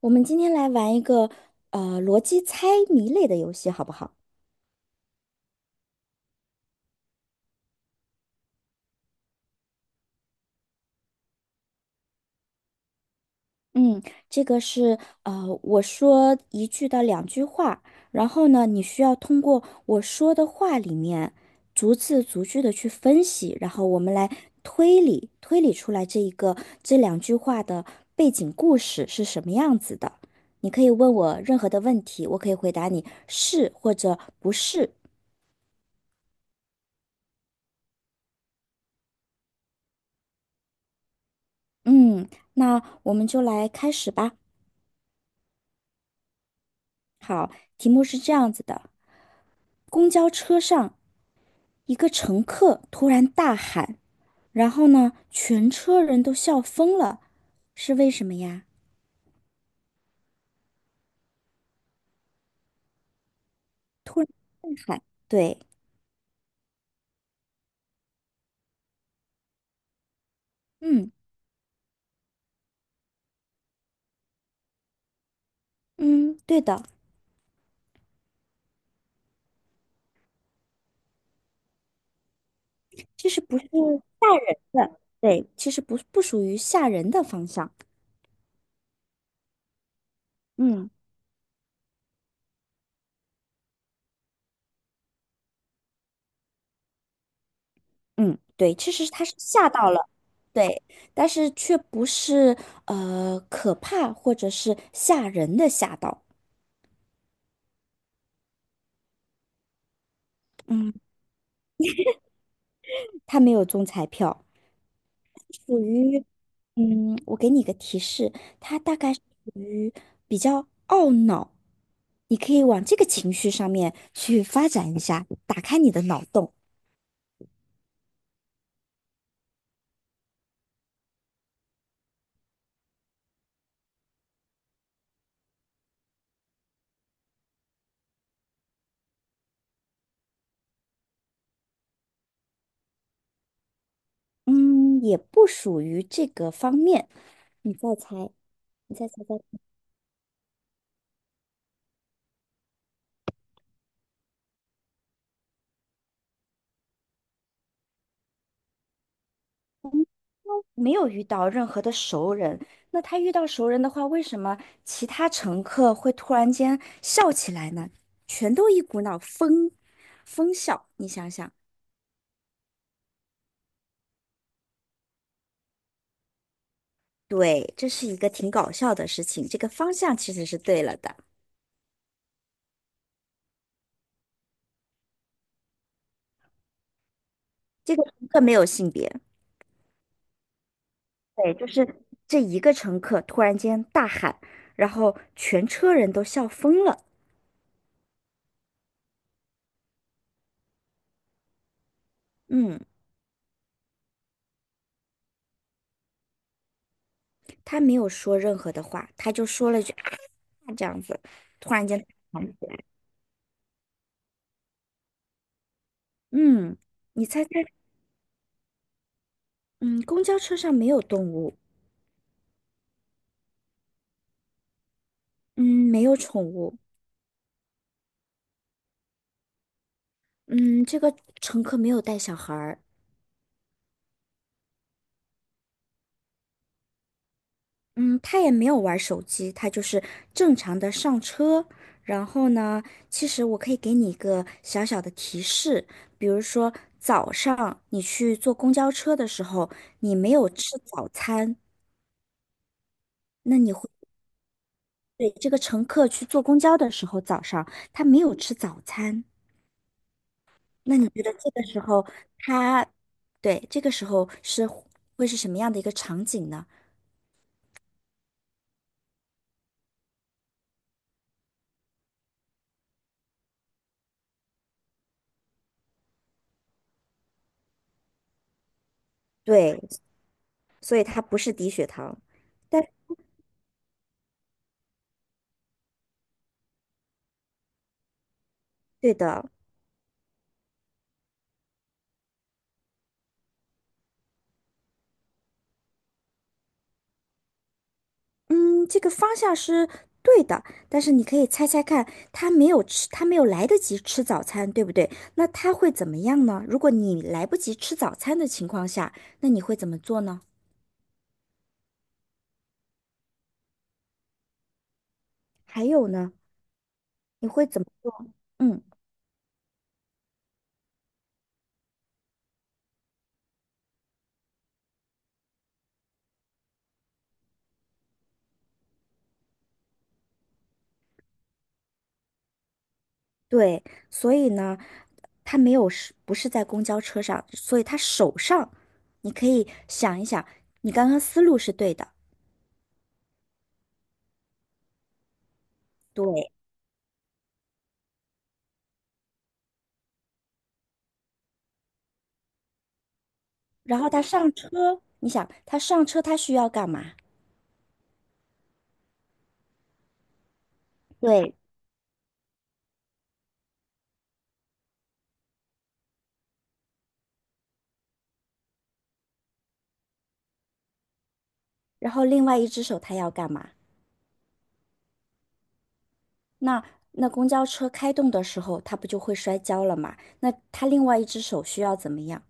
我们今天来玩一个逻辑猜谜类的游戏，好不好？嗯，这个是我说一句到两句话，然后呢，你需要通过我说的话里面逐字逐句的去分析，然后我们来推理推理出来这一个这两句话的背景故事是什么样子的。你可以问我任何的问题，我可以回答你是或者不是。嗯，那我们就来开始吧。好，题目是这样子的：公交车上，一个乘客突然大喊，然后呢，全车人都笑疯了，是为什么呀？突然大喊，对，嗯嗯，对的，其实不是的，对，其实不属于吓人的方向，嗯嗯，对，其实他是吓到了，对，但是却不是可怕或者是吓人的吓到，嗯，他没有中彩票。属于，嗯，我给你一个提示，他大概是属于比较懊恼，你可以往这个情绪上面去发展一下，打开你的脑洞。嗯，也不属于这个方面，你再猜，你再猜猜，没有遇到任何的熟人，那他遇到熟人的话，为什么其他乘客会突然间笑起来呢？全都一股脑疯笑，你想想。对，这是一个挺搞笑的事情，这个方向其实是对了的。这个乘客没有性别，对，就是这一个乘客突然间大喊，然后全车人都笑疯了。嗯，他没有说任何的话，他就说了一句啊这样子，突然间喊起来嗯，你猜猜，嗯，公交车上没有动物，嗯，没有宠物，嗯，这个乘客没有带小孩儿，嗯，他也没有玩手机，他就是正常的上车。然后呢，其实我可以给你一个小小的提示，比如说早上你去坐公交车的时候，你没有吃早餐，那你会对这个乘客去坐公交的时候，早上他没有吃早餐，那你觉得这个时候他，对，这个时候是会是什么样的一个场景呢？对，所以他不是低血糖，但对的。嗯，这个方向是对的，但是你可以猜猜看，他没有吃，他没有来得及吃早餐，对不对？那他会怎么样呢？如果你来不及吃早餐的情况下，那你会怎么做呢？还有呢，你会怎么做？嗯，对，所以呢，他没有是不是在公交车上，所以他手上，你可以想一想，你刚刚思路是对的，对。然后他上车，你想他上车他需要干嘛？对。然后另外一只手他要干嘛？那那公交车开动的时候，他不就会摔跤了吗？那他另外一只手需要怎么样？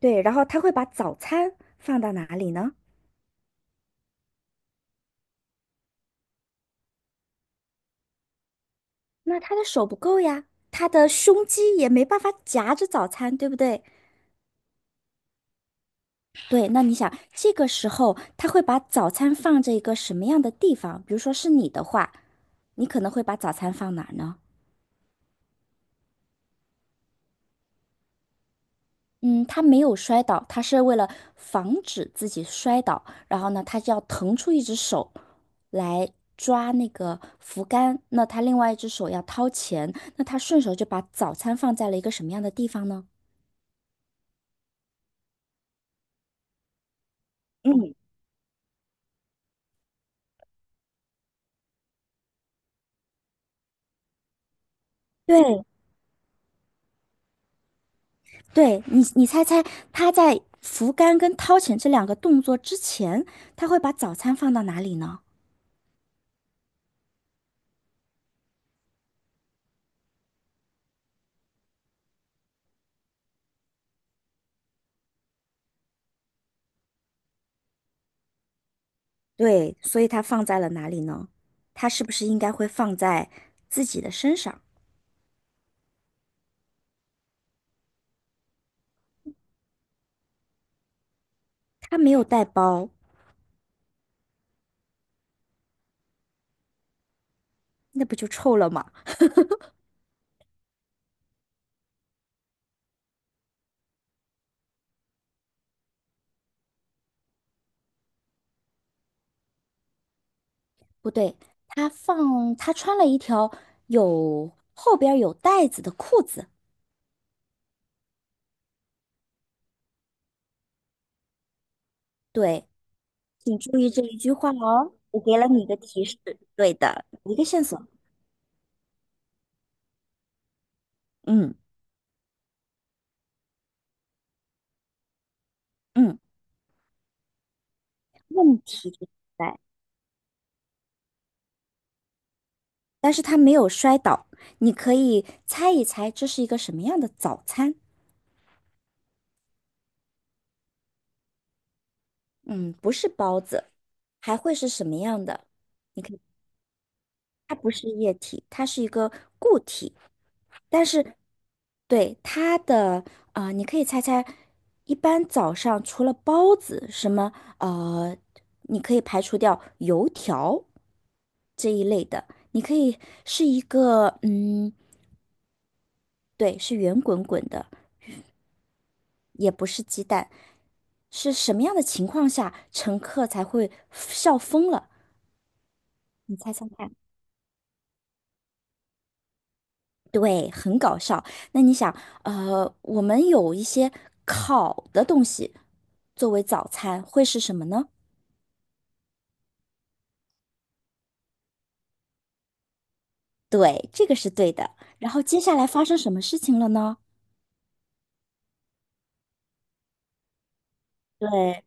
对，然后他会把早餐放到哪里呢？那他的手不够呀，他的胸肌也没办法夹着早餐，对不对？对，那你想，这个时候他会把早餐放在一个什么样的地方？比如说是你的话，你可能会把早餐放哪儿呢？嗯，他没有摔倒，他是为了防止自己摔倒，然后呢，他就要腾出一只手来抓那个扶杆，那他另外一只手要掏钱，那他顺手就把早餐放在了一个什么样的地方呢？嗯，对，对你，你猜猜他在扶杆跟掏钱这两个动作之前，他会把早餐放到哪里呢？对，所以他放在了哪里呢？他是不是应该会放在自己的身上？他没有带包。那不就臭了吗？不对，他放他穿了一条有后边儿有袋子的裤子。对，请注意这一句话哦，我给了你一个提示，对的，一个线索。嗯嗯，问题就在，但是他没有摔倒，你可以猜一猜这是一个什么样的早餐？嗯，不是包子，还会是什么样的？你看，它不是液体，它是一个固体。但是对它的啊、你可以猜猜，一般早上除了包子，什么呃，你可以排除掉油条这一类的，你可以是一个嗯，对，是圆滚滚的，也不是鸡蛋，是什么样的情况下乘客才会笑疯了？你猜猜看。对，很搞笑。那你想，我们有一些烤的东西作为早餐，会是什么呢？对，这个是对的。然后接下来发生什么事情了呢？对，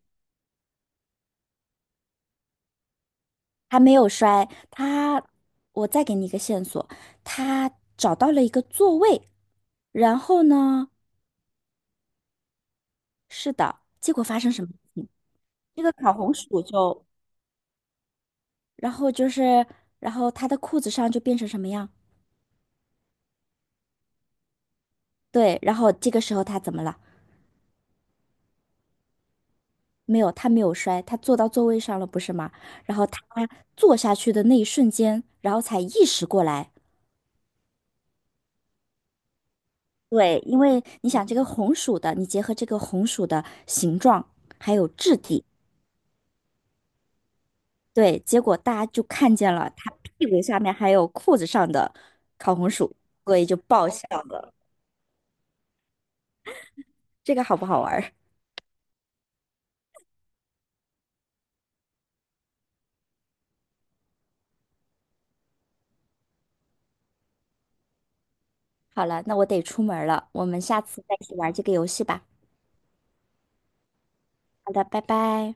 他没有摔，他，我再给你一个线索，他找到了一个座位。然后呢，是的，结果发生什么事情？这个烤红薯就，然后就是，然后他的裤子上就变成什么样？对，然后这个时候他怎么了？没有，他没有摔，他坐到座位上了，不是吗？然后他坐下去的那一瞬间，然后才意识过来。对，因为你想这个红薯的，你结合这个红薯的形状还有质地，对，结果大家就看见了他屁股下面还有裤子上的烤红薯，所以就爆笑。这个好不好玩儿好了，那我得出门了，我们下次再一起玩这个游戏吧。好的，拜拜。